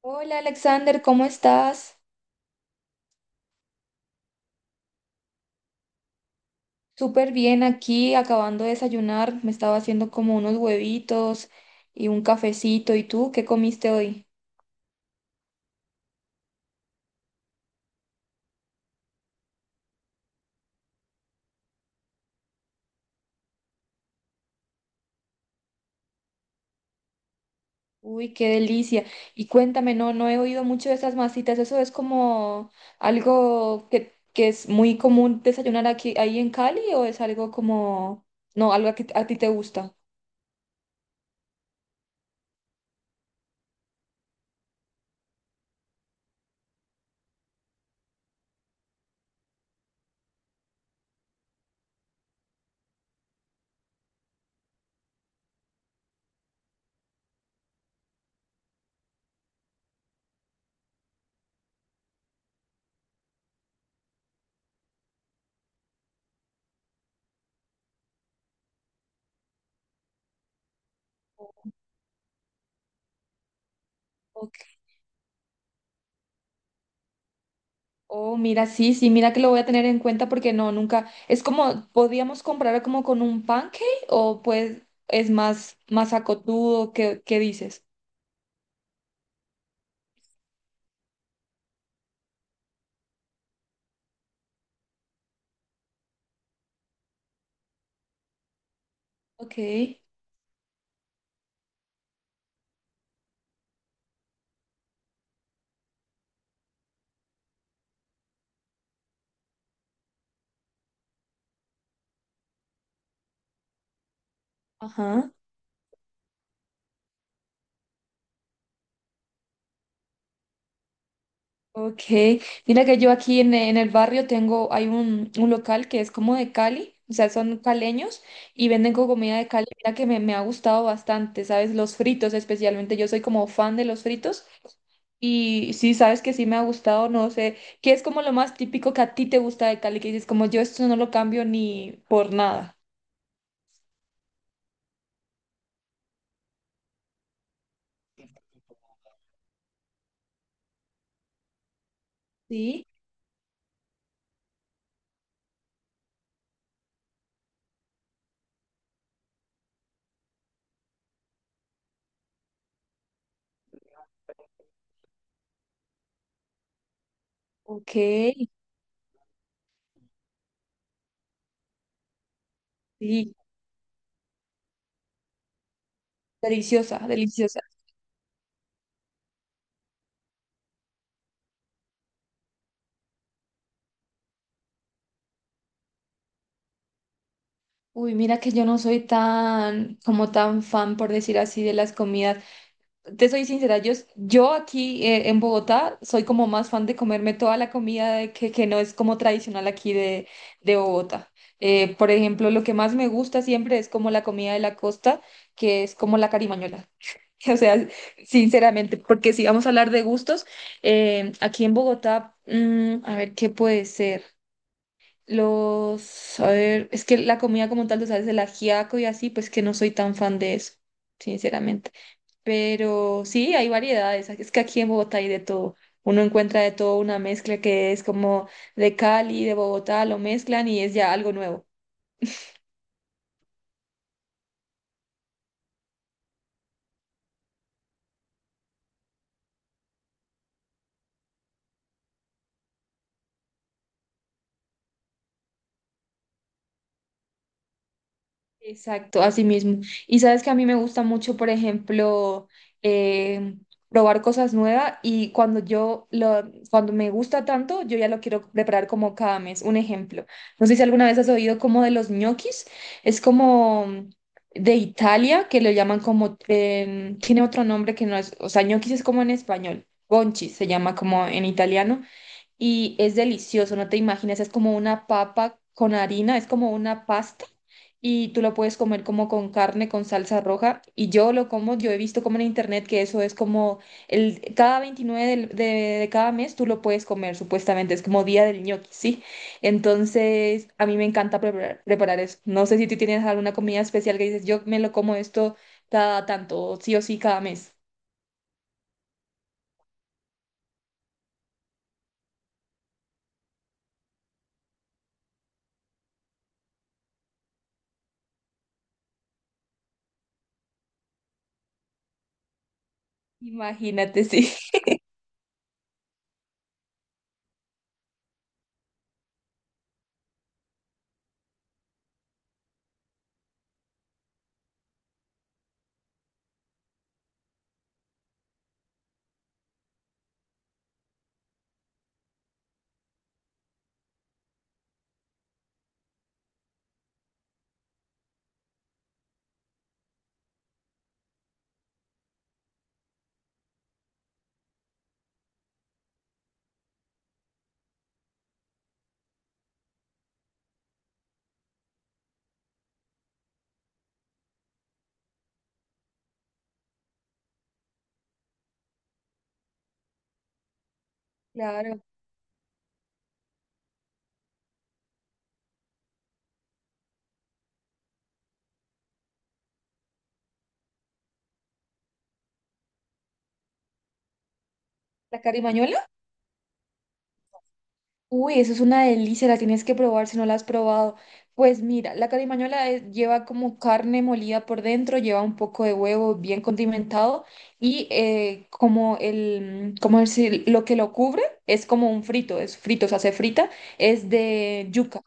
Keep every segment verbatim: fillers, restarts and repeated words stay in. Hola Alexander, ¿cómo estás? Súper bien aquí, acabando de desayunar. Me estaba haciendo como unos huevitos y un cafecito. ¿Y tú qué comiste hoy? Uy, qué delicia. Y cuéntame, no, no he oído mucho de esas masitas. Eso es como algo que, que es muy común desayunar aquí, ahí en Cali, o es algo como, no, algo que a ti te gusta. Oh, mira, sí, sí, mira que lo voy a tener en cuenta porque no, nunca. Es como, podríamos comparar como con un pancake o pues es más, más acotudo, ¿qué, qué dices? Ok, ajá, ok. Mira que yo aquí en, en el barrio tengo, hay un, un local que es como de Cali, o sea, son caleños y venden co- comida de Cali. Mira que me, me ha gustado bastante, ¿sabes? Los fritos especialmente, yo soy como fan de los fritos. Y sí, sabes que sí me ha gustado, no sé, ¿qué es como lo más típico que a ti te gusta de Cali? Que dices, como yo esto no lo cambio ni por nada. Sí, ok, sí, deliciosa, deliciosa. Uy, mira que yo no soy tan, como tan fan, por decir así, de las comidas. Te soy sincera, yo, s- yo aquí eh, en Bogotá soy como más fan de comerme toda la comida de que, que no es como tradicional aquí de, de Bogotá. Eh, por ejemplo, lo que más me gusta siempre es como la comida de la costa, que es como la carimañola. O sea, sinceramente, porque si vamos a hablar de gustos, eh, aquí en Bogotá, mm, a ver qué puede ser. Los, a ver, es que la comida como tal, tú sabes, el ajiaco y así, pues que no soy tan fan de eso, sinceramente. Pero sí, hay variedades. Es que aquí en Bogotá hay de todo. Uno encuentra de todo, una mezcla que es como de Cali, de Bogotá, lo mezclan y es ya algo nuevo. Exacto, así mismo. Y sabes que a mí me gusta mucho, por ejemplo, eh, probar cosas nuevas y cuando yo lo, cuando me gusta tanto, yo ya lo quiero preparar como cada mes. Un ejemplo, no sé si alguna vez has oído como de los ñoquis, es como de Italia, que lo llaman como, em, tiene otro nombre que no es, o sea, ñoquis es como en español, gonchis se llama como en italiano y es delicioso, no te imaginas, es como una papa con harina, es como una pasta y tú lo puedes comer como con carne, con salsa roja, y yo lo como. Yo he visto como en internet que eso es como el cada veintinueve del- de, de cada mes tú lo puedes comer supuestamente, es como día del ñoqui, ¿sí? Entonces a mí me encanta preparar, preparar eso. No sé si tú tienes alguna comida especial que dices, yo me lo como esto cada tanto, sí o sí cada mes. Imagínate, sí. Claro. ¿La carimañola? Uy, eso es una delicia, la tienes que probar si no la has probado. Pues mira, la carimañola es- lleva como carne molida por dentro, lleva un poco de huevo bien condimentado y eh, como el, como decir, lo que lo cubre es como un frito, es frito, o sea, se frita, es de yuca.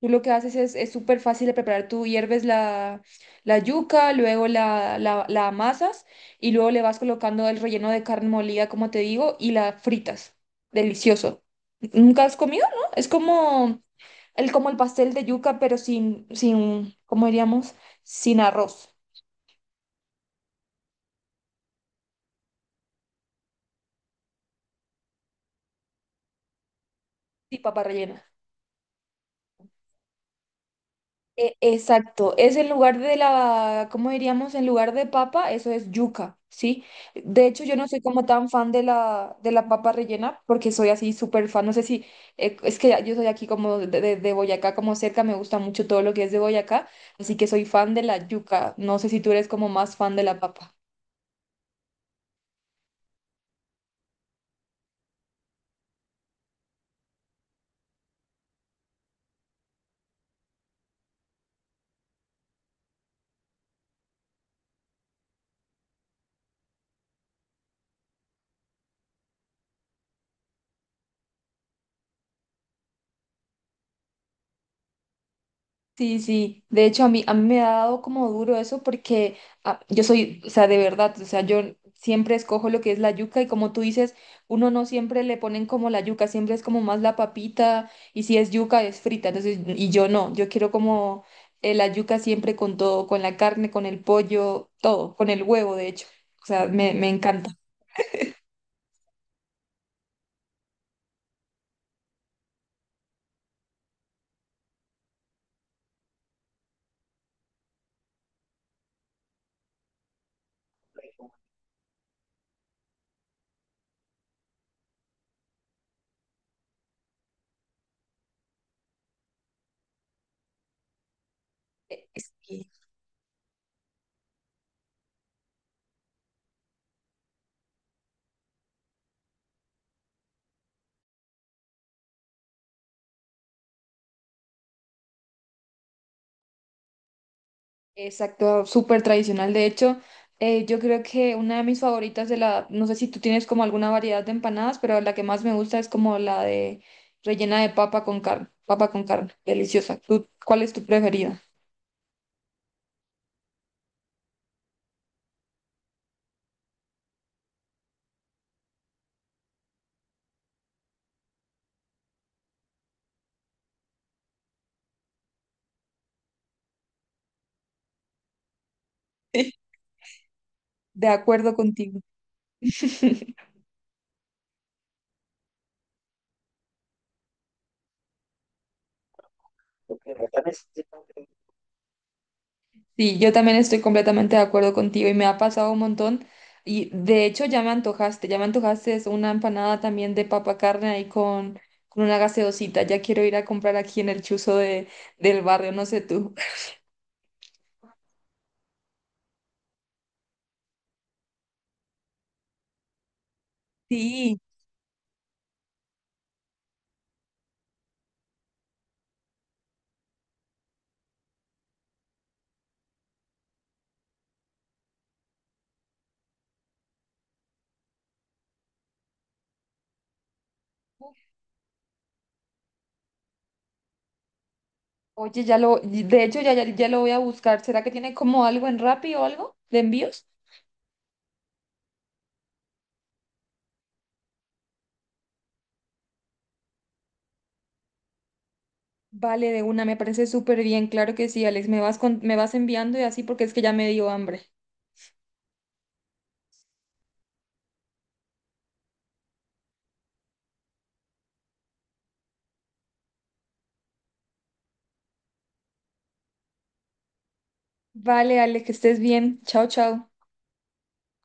Tú lo que haces es, es súper fácil de preparar. Tú hierves la, la yuca, luego la, la, la amasas y luego le vas colocando el relleno de carne molida, como te digo, y la fritas. Delicioso. ¿Nunca has comido, no? Es como el, como el pastel de yuca, pero sin, sin, ¿cómo diríamos? Sin arroz y papa rellena. E- exacto, es en lugar de la, ¿cómo diríamos? En lugar de papa, eso es yuca, ¿sí? De hecho, yo no soy como tan fan de la, de la, papa rellena, porque soy así súper fan, no sé si, eh, es que yo soy aquí como de, de- de Boyacá, como cerca. Me gusta mucho todo lo que es de Boyacá, así que soy fan de la yuca, no sé si tú eres como más fan de la papa. Sí, sí, de hecho a mí, a mí me ha dado como duro eso porque ah, yo soy, o sea, de verdad, o sea, yo siempre escojo lo que es la yuca y, como tú dices, uno no siempre le ponen como la yuca, siempre es como más la papita, y si es yuca es frita. Entonces, y yo no, yo quiero como eh, la yuca siempre con todo, con la carne, con el pollo, todo, con el huevo, de hecho, o sea, me, me encanta. Eh, Sí. Exacto, súper tradicional. De hecho, eh, yo creo que una de mis favoritas de la, no sé si tú tienes como alguna variedad de empanadas, pero la que más me gusta es como la de rellena de papa con carne, papa con carne, deliciosa. ¿Tú, cuál es tu preferida? De acuerdo contigo. Sí, yo también estoy completamente de acuerdo contigo y me ha pasado un montón. Y de hecho ya me antojaste, ya me antojaste es una empanada también de papa carne ahí con, con una gaseosita. Ya quiero ir a comprar aquí en el chuzo de, del barrio, no sé tú. Sí. Oye, ya lo, de hecho ya, ya, ya lo voy a buscar. ¿Será que tiene como algo en Rappi o algo de envíos? Vale, de una, me parece súper bien. Claro que sí, Alex, me vas con, me vas enviando y así porque es que ya me dio hambre. Vale, Alex, que estés bien. Chao, chao.